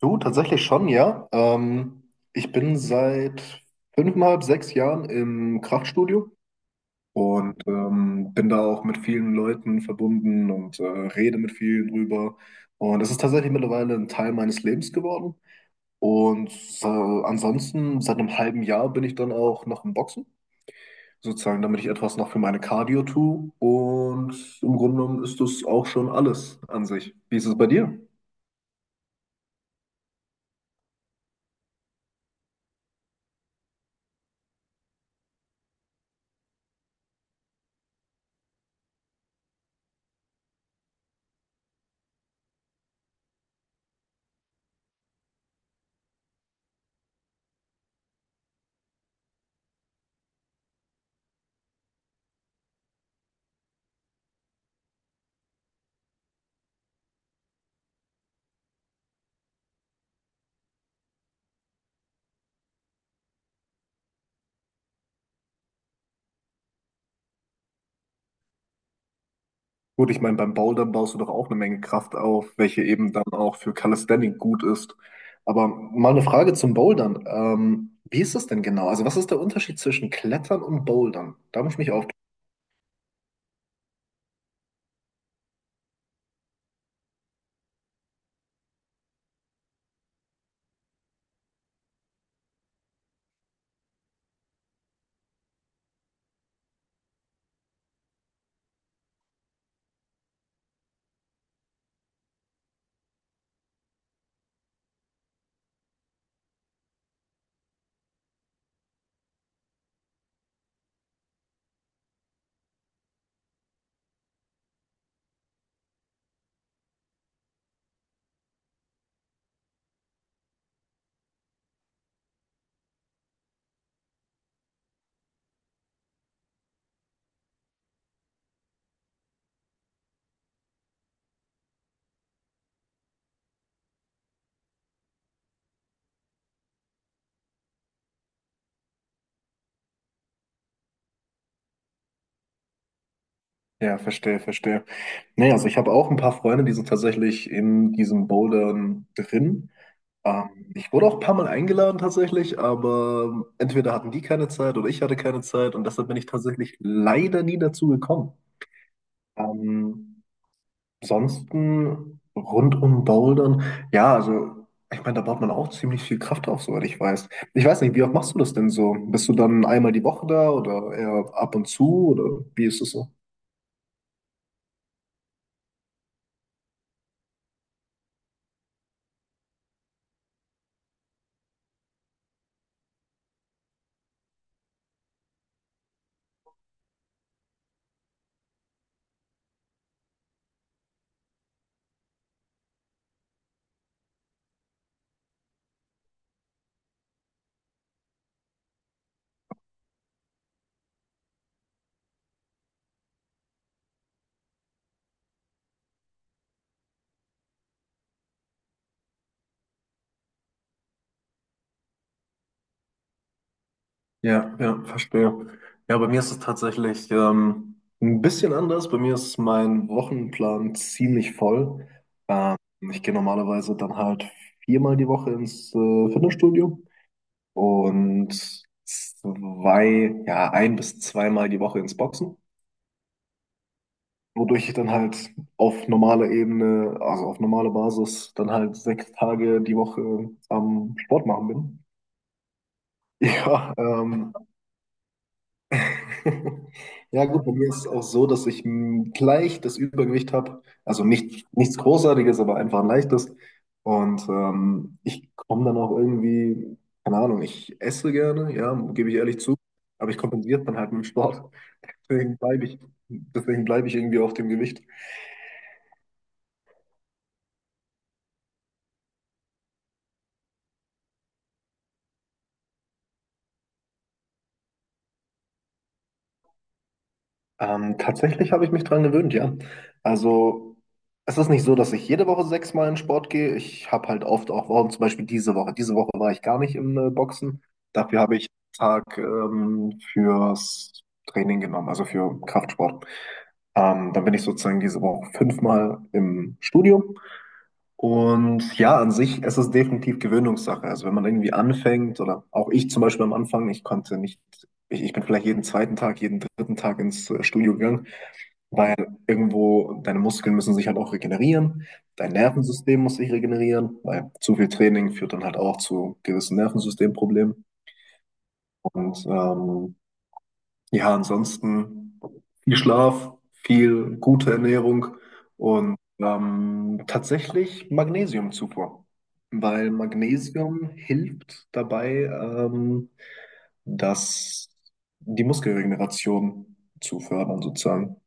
Du, tatsächlich schon, ja. Ich bin seit fünfeinhalb, sechs Jahren im Kraftstudio und bin da auch mit vielen Leuten verbunden und rede mit vielen drüber. Und es ist tatsächlich mittlerweile ein Teil meines Lebens geworden. Und ansonsten, seit einem halben Jahr bin ich dann auch noch im Boxen, sozusagen, damit ich etwas noch für meine Cardio tue. Und im Grunde genommen ist das auch schon alles an sich. Wie ist es bei dir? Gut, ich meine, beim Bouldern baust du doch auch eine Menge Kraft auf, welche eben dann auch für Calisthenics gut ist. Aber mal eine Frage zum Bouldern. Wie ist das denn genau? Also was ist der Unterschied zwischen Klettern und Bouldern? Da muss ich mich auf. Ja, verstehe, verstehe. Nee, also ich habe auch ein paar Freunde, die sind tatsächlich in diesem Bouldern drin. Ich wurde auch ein paar Mal eingeladen tatsächlich, aber entweder hatten die keine Zeit oder ich hatte keine Zeit und deshalb bin ich tatsächlich leider nie dazu gekommen. Ähm, Ansonsten rund um Bouldern, ja, also ich meine, da baut man auch ziemlich viel Kraft auf, soweit ich weiß. Ich weiß nicht, wie oft machst du das denn so? Bist du dann einmal die Woche da oder eher ab und zu oder wie ist es so? Ja, ja, verstehe. Ja, bei mir ist es tatsächlich ein bisschen anders. Bei mir ist mein Wochenplan ziemlich voll. Ähm, Ich gehe normalerweise dann halt viermal die Woche ins Fitnessstudio. Und zwei, ja, ein bis zweimal die Woche ins Boxen, wodurch ich dann halt auf normaler Ebene, also auf normaler Basis, dann halt sechs Tage die Woche am Sport machen bin. Ja, ja gut, bei mir ist es auch so, dass ich leicht das Übergewicht habe. Also nicht, nichts Großartiges, aber einfach ein leichtes. Und ich komme dann auch irgendwie, keine Ahnung, ich esse gerne, ja, gebe ich ehrlich zu, aber ich kompensiere es dann halt mit dem Sport. Deswegen bleibe ich, deswegen bleibe ich irgendwie auf dem Gewicht. Tatsächlich habe ich mich dran gewöhnt, ja. Also es ist nicht so, dass ich jede Woche sechsmal in Sport gehe. Ich habe halt oft auch Wochen, zum Beispiel diese Woche. Diese Woche war ich gar nicht im Boxen. Dafür habe ich einen Tag fürs Training genommen, also für Kraftsport. Dann bin ich sozusagen diese Woche fünfmal im Studio. Und ja, an sich, es ist definitiv Gewöhnungssache. Also wenn man irgendwie anfängt, oder auch ich zum Beispiel am Anfang, ich konnte nicht, ich bin vielleicht jeden zweiten Tag, jeden dritten Tag ins Studio gegangen, weil irgendwo deine Muskeln müssen sich halt auch regenerieren, dein Nervensystem muss sich regenerieren, weil zu viel Training führt dann halt auch zu gewissen Nervensystemproblemen. Und ja, ansonsten viel Schlaf, viel gute Ernährung und tatsächlich Magnesiumzufuhr, weil Magnesium hilft dabei, dass die Muskelregeneration zu fördern sozusagen.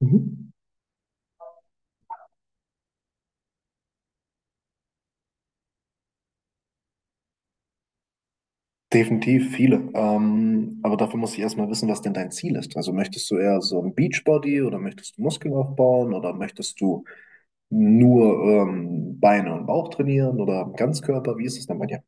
Mhm. Definitiv viele. Aber dafür muss ich erstmal wissen, was denn dein Ziel ist. Also möchtest du eher so ein Beachbody oder möchtest du Muskeln aufbauen oder möchtest du nur Beine und Bauch trainieren oder Ganzkörper? Wie ist es denn bei dir?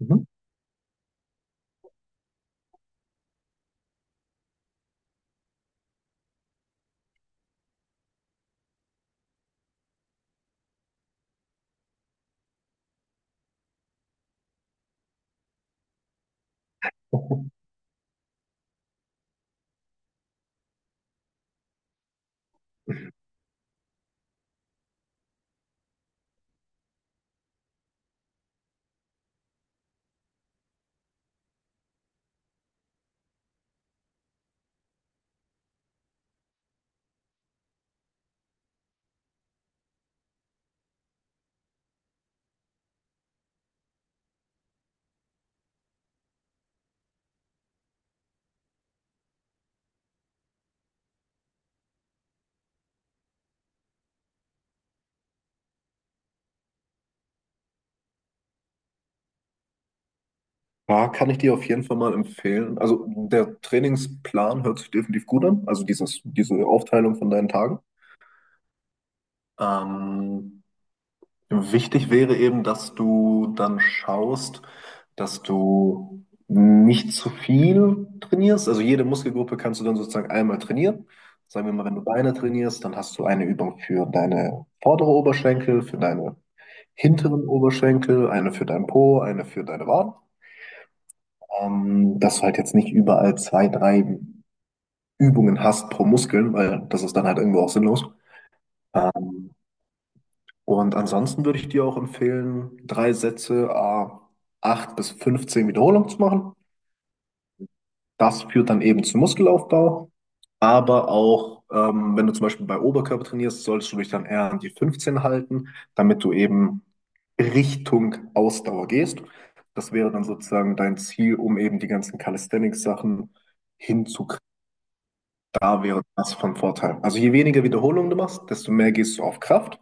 Mhm. Ja, kann ich dir auf jeden Fall mal empfehlen. Also der Trainingsplan hört sich definitiv gut an, also dieses, diese Aufteilung von deinen Tagen. Ähm, Wichtig wäre eben, dass du dann schaust, dass du nicht zu viel trainierst. Also jede Muskelgruppe kannst du dann sozusagen einmal trainieren. Sagen wir mal, wenn du Beine trainierst, dann hast du eine Übung für deine vordere Oberschenkel, für deine hinteren Oberschenkel, eine für deinen Po, eine für deine Waden. Dass du halt jetzt nicht überall zwei, drei Übungen hast pro Muskeln, weil das ist dann halt irgendwo auch sinnlos. Ähm, und ansonsten würde ich dir auch empfehlen, drei Sätze, 8 bis 15 Wiederholungen zu machen. Das führt dann eben zum Muskelaufbau. Aber auch, wenn du zum Beispiel bei Oberkörper trainierst, solltest du dich dann eher an die 15 halten, damit du eben Richtung Ausdauer gehst. Das wäre dann sozusagen dein Ziel, um eben die ganzen Calisthenics-Sachen hinzukriegen. Da wäre das von Vorteil. Also je weniger Wiederholungen du machst, desto mehr gehst du auf Kraft.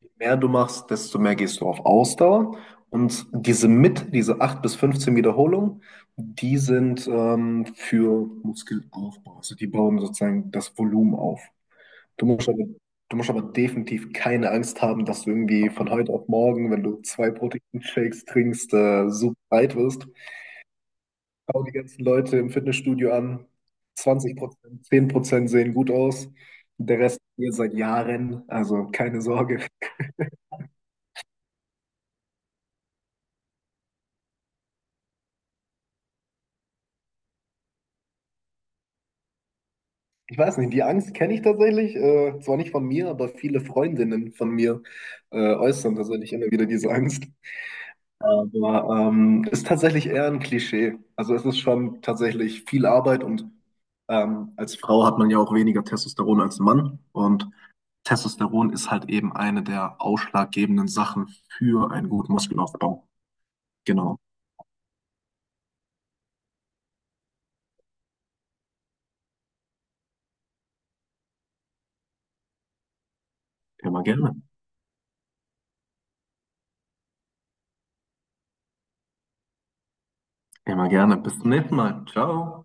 Je mehr du machst, desto mehr gehst du auf Ausdauer. Und diese mit, diese 8 bis 15 Wiederholungen, die sind für Muskelaufbau. Also die bauen sozusagen das Volumen auf. Du musst aber, du musst aber definitiv keine Angst haben, dass du irgendwie von heute auf morgen, wenn du zwei Proteinshakes trinkst, super breit wirst. Schau die ganzen Leute im Fitnessstudio an. 20%, 10% sehen gut aus. Der Rest hier seit Jahren, also keine Sorge. Ich weiß nicht, die Angst kenne ich tatsächlich. Zwar nicht von mir, aber viele Freundinnen von mir äußern tatsächlich immer wieder diese Angst. Aber ist tatsächlich eher ein Klischee. Also es ist schon tatsächlich viel Arbeit und als Frau hat man ja auch weniger Testosteron als Mann. Und Testosteron ist halt eben eine der ausschlaggebenden Sachen für einen guten Muskelaufbau. Genau. Immer gerne. Immer gerne. Bis zum nächsten Mal. Ciao.